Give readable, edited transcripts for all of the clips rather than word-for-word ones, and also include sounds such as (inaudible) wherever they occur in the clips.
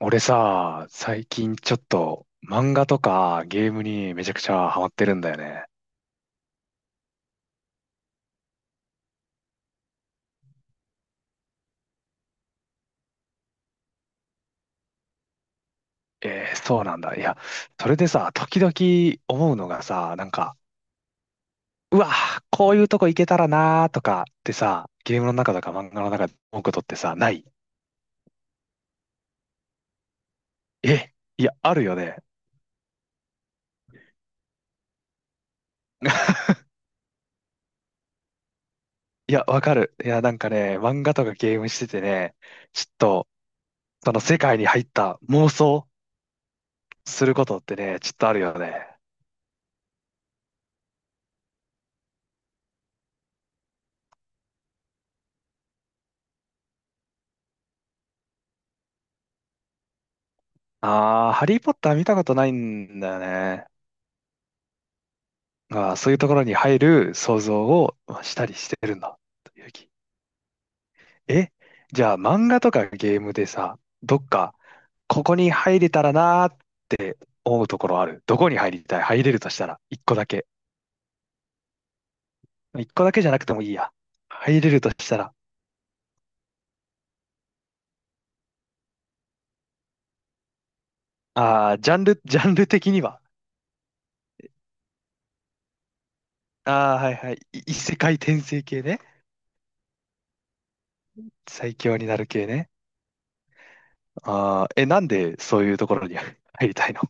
俺さ、最近ちょっと漫画とかゲームにめちゃくちゃハマってるんだよね。そうなんだ。いや、それでさ、時々思うのがさ、なんか、うわ、こういうとこ行けたらなーとかってさ、ゲームの中とか漫画の中で思うことってさ、ない？え、いや、あるよね。いや、わかる。いや、なんかね、漫画とかゲームしててね、ちょっと、その世界に入った妄想することってね、ちょっとあるよね。あー、ハリーポッター見たことないんだよね。ああ、そういうところに入る想像をまあしたりしてるんだ。という気。え、じゃあ漫画とかゲームでさ、どっか、ここに入れたらなーって思うところある？どこに入りたい入れるとしたら、一個だけ。一個だけじゃなくてもいいや。入れるとしたら、ああ、ジャンル的には。ああ、はいはい。異世界転生系ね。最強になる系ね。ああ、なんでそういうところに (laughs) 入りたいの？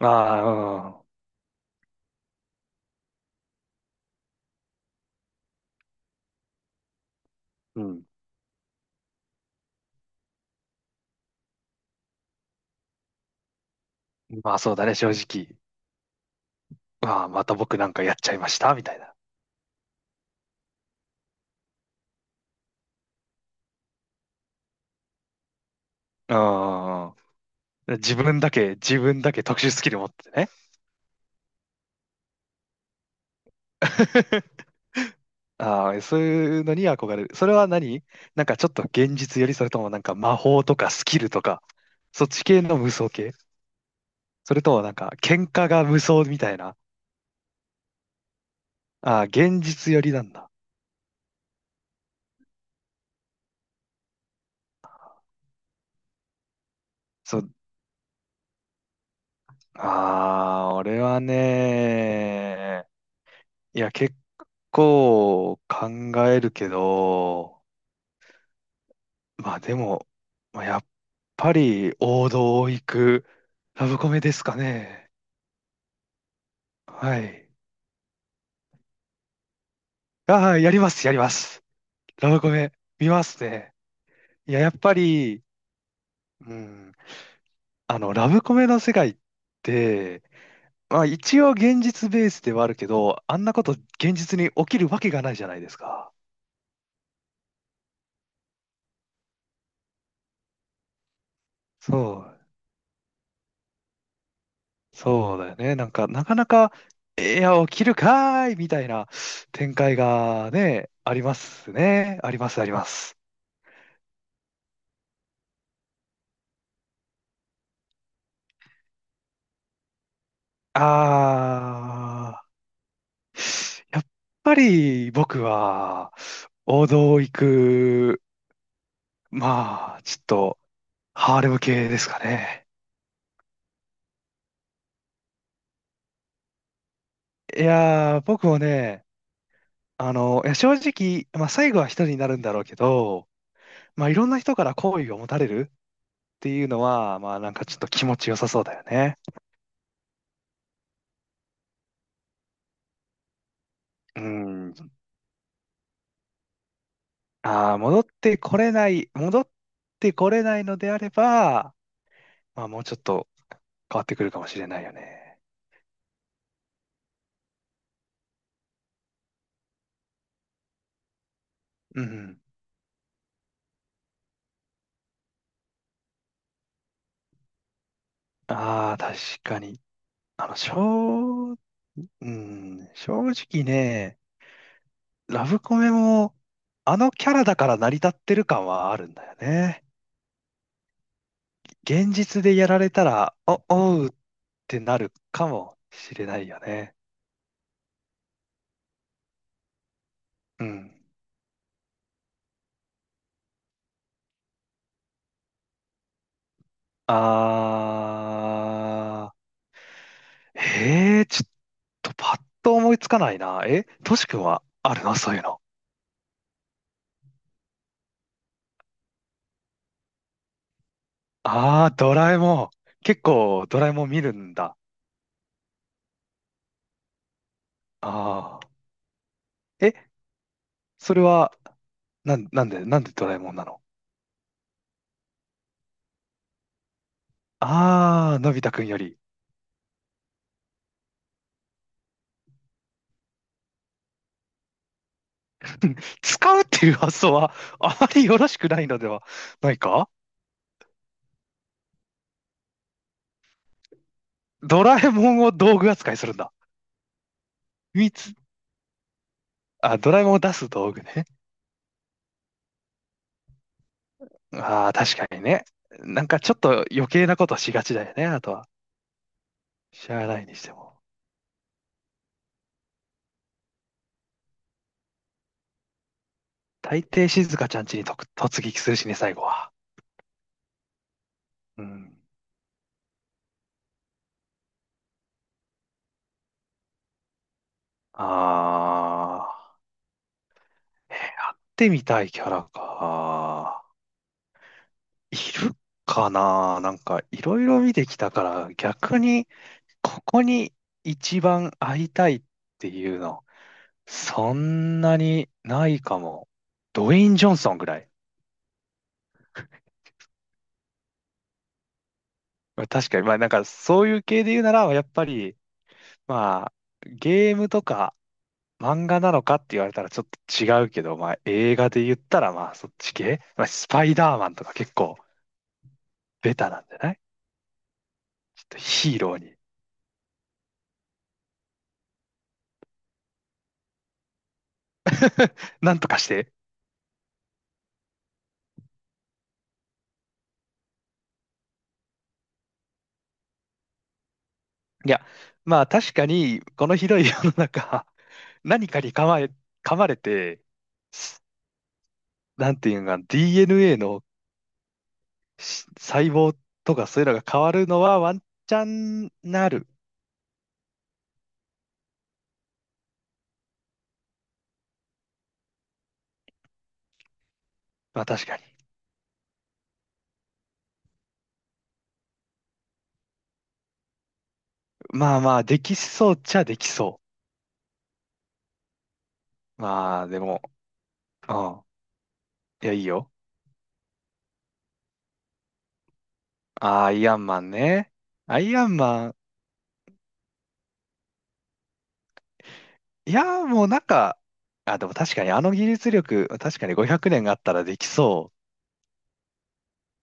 ああ、うん。うんまあそうだね、正直。ああ、また僕なんかやっちゃいました、みたいな。うん。自分だけ特殊スキル持ってね。(laughs) ああ、そういうのに憧れる。それは何？なんかちょっと現実より、それともなんか魔法とかスキルとか、そっち系の無双系？それともなんか喧嘩が無双みたいな。ああ、現実よりなんだ。そう、ああ、俺はね、いや、結構考えるけど、まあでも、まあ、やっぱり王道を行くラブコメですかね。はい。ああ、やります、やります。ラブコメ、見ますね。いや、やっぱり、うん、ラブコメの世界って、まあ一応現実ベースではあるけど、あんなこと現実に起きるわけがないじゃないですか。そう、そうだよね。なんか、なかなか、いや、起きるかーいみたいな展開がね、ありますね。あります、あります。ああ、やっぱり僕は王道を行く、まあ、ちょっとハーレム系ですかね。いやー、僕もね、いや正直、まあ最後は一人になるんだろうけど、まあいろんな人から好意を持たれるっていうのは、まあなんかちょっと気持ちよさそうだよね。うん。ああ、戻ってこれないのであれば、まあもうちょっと変わってくるかもしれないよね。うん。ああ、確かに。あの、正、うん、正直ね、ラブコメも、あのキャラだから成り立ってる感はあるんだよね。現実でやられたら、おうってなるかもしれないよね。うん。あー、ちょっとパッと思いつかないな。トシ君はあるのそういうの？あー、ドラえもん。結構ドラえもん見るんだ。あー。え、それは、なんでドラえもんなの？ああー、のび太くんより。(laughs) 使うっていう発想は (laughs)、あまりよろしくないのではないか？ドラえもんを道具扱いするんだ。みつ、あ、ドラえもんを出す道具ね。ああ、確かにね。なんかちょっと余計なことしがちだよね、あとは。しゃあないにしても。大抵静香ちゃんちに突撃するしね、最後は。うん。ああ、やってみたいキャラか。いるかな。なんかいろいろ見てきたから逆にここに一番会いたいっていうのそんなにないかも。ドウェイン・ジョンソンぐらい。まあ確かにまあなんかそういう系で言うならやっぱりまあゲームとか漫画なのかって言われたらちょっと違うけどまあ映画で言ったらまあそっち系。まあスパイダーマンとか結構ベタなんじゃない？ちょっとヒーローになんとかして、いや、まあ確かに、この広い世の中、(laughs) 何かに噛まれて、なんていうのかな、DNA の細胞とかそういうのが変わるのはワンチャンなる。まあ確かに。まあまあ、できそうっちゃできそう。まあでも、うん。いや、いいよ。あーアイアンマンね。アイアンマン。いや、もうなんか、あ、でも確かにあの技術力、確かに500年があったらできそう。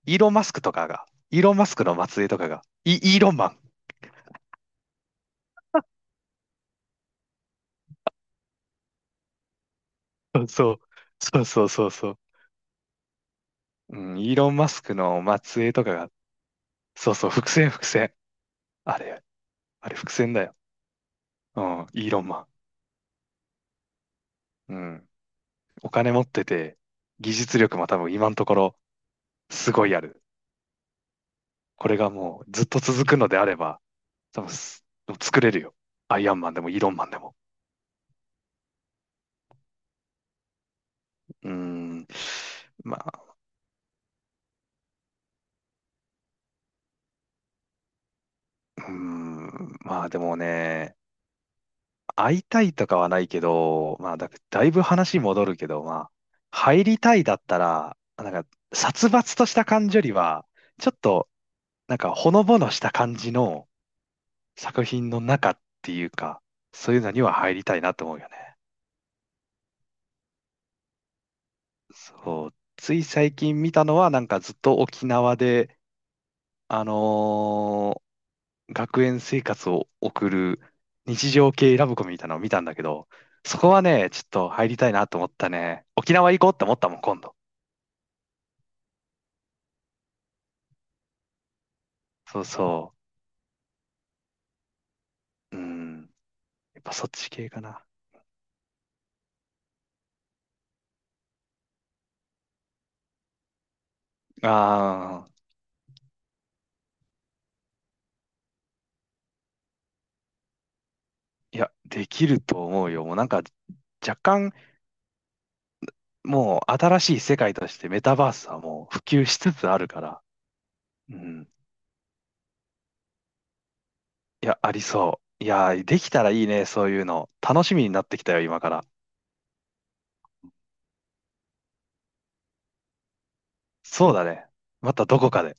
イーロン・マスクの末裔とかが、イーロンマン。(laughs) そう、そうそうそうそう。うん、イーロン・マスクの末裔とかが、そうそう、伏線伏線。あれ、あれ伏線だよ。うん、イーロンマン。うん、お金持ってて、技術力も多分今のところすごいある。これがもうずっと続くのであれば、多分作れるよ。アイアンマンでもイーロンマンでも。うーん。まあ、うーん。まあでもね、会いたいとかはないけど、まあ、だいぶ話戻るけど、まあ、入りたいだったら、なんか、殺伐とした感じよりは、ちょっと、なんか、ほのぼのした感じの作品の中っていうか、そういうのには入りたいなと思うよね。そう。つい最近見たのは、なんかずっと沖縄で、あのー学園生活を送る日常系ラブコメみたいなのを見たんだけど、そこはね、ちょっと入りたいなと思ったね。沖縄行こうって思ったもん、今度。そうそう。うん。やっぱそっち系かな。ああ、いや、できると思うよ。もうなんか若干、もう新しい世界としてメタバースはもう普及しつつあるから。うん。いや、ありそう。いや、できたらいいね、そういうの。楽しみになってきたよ、今から。そうだね。またどこかで。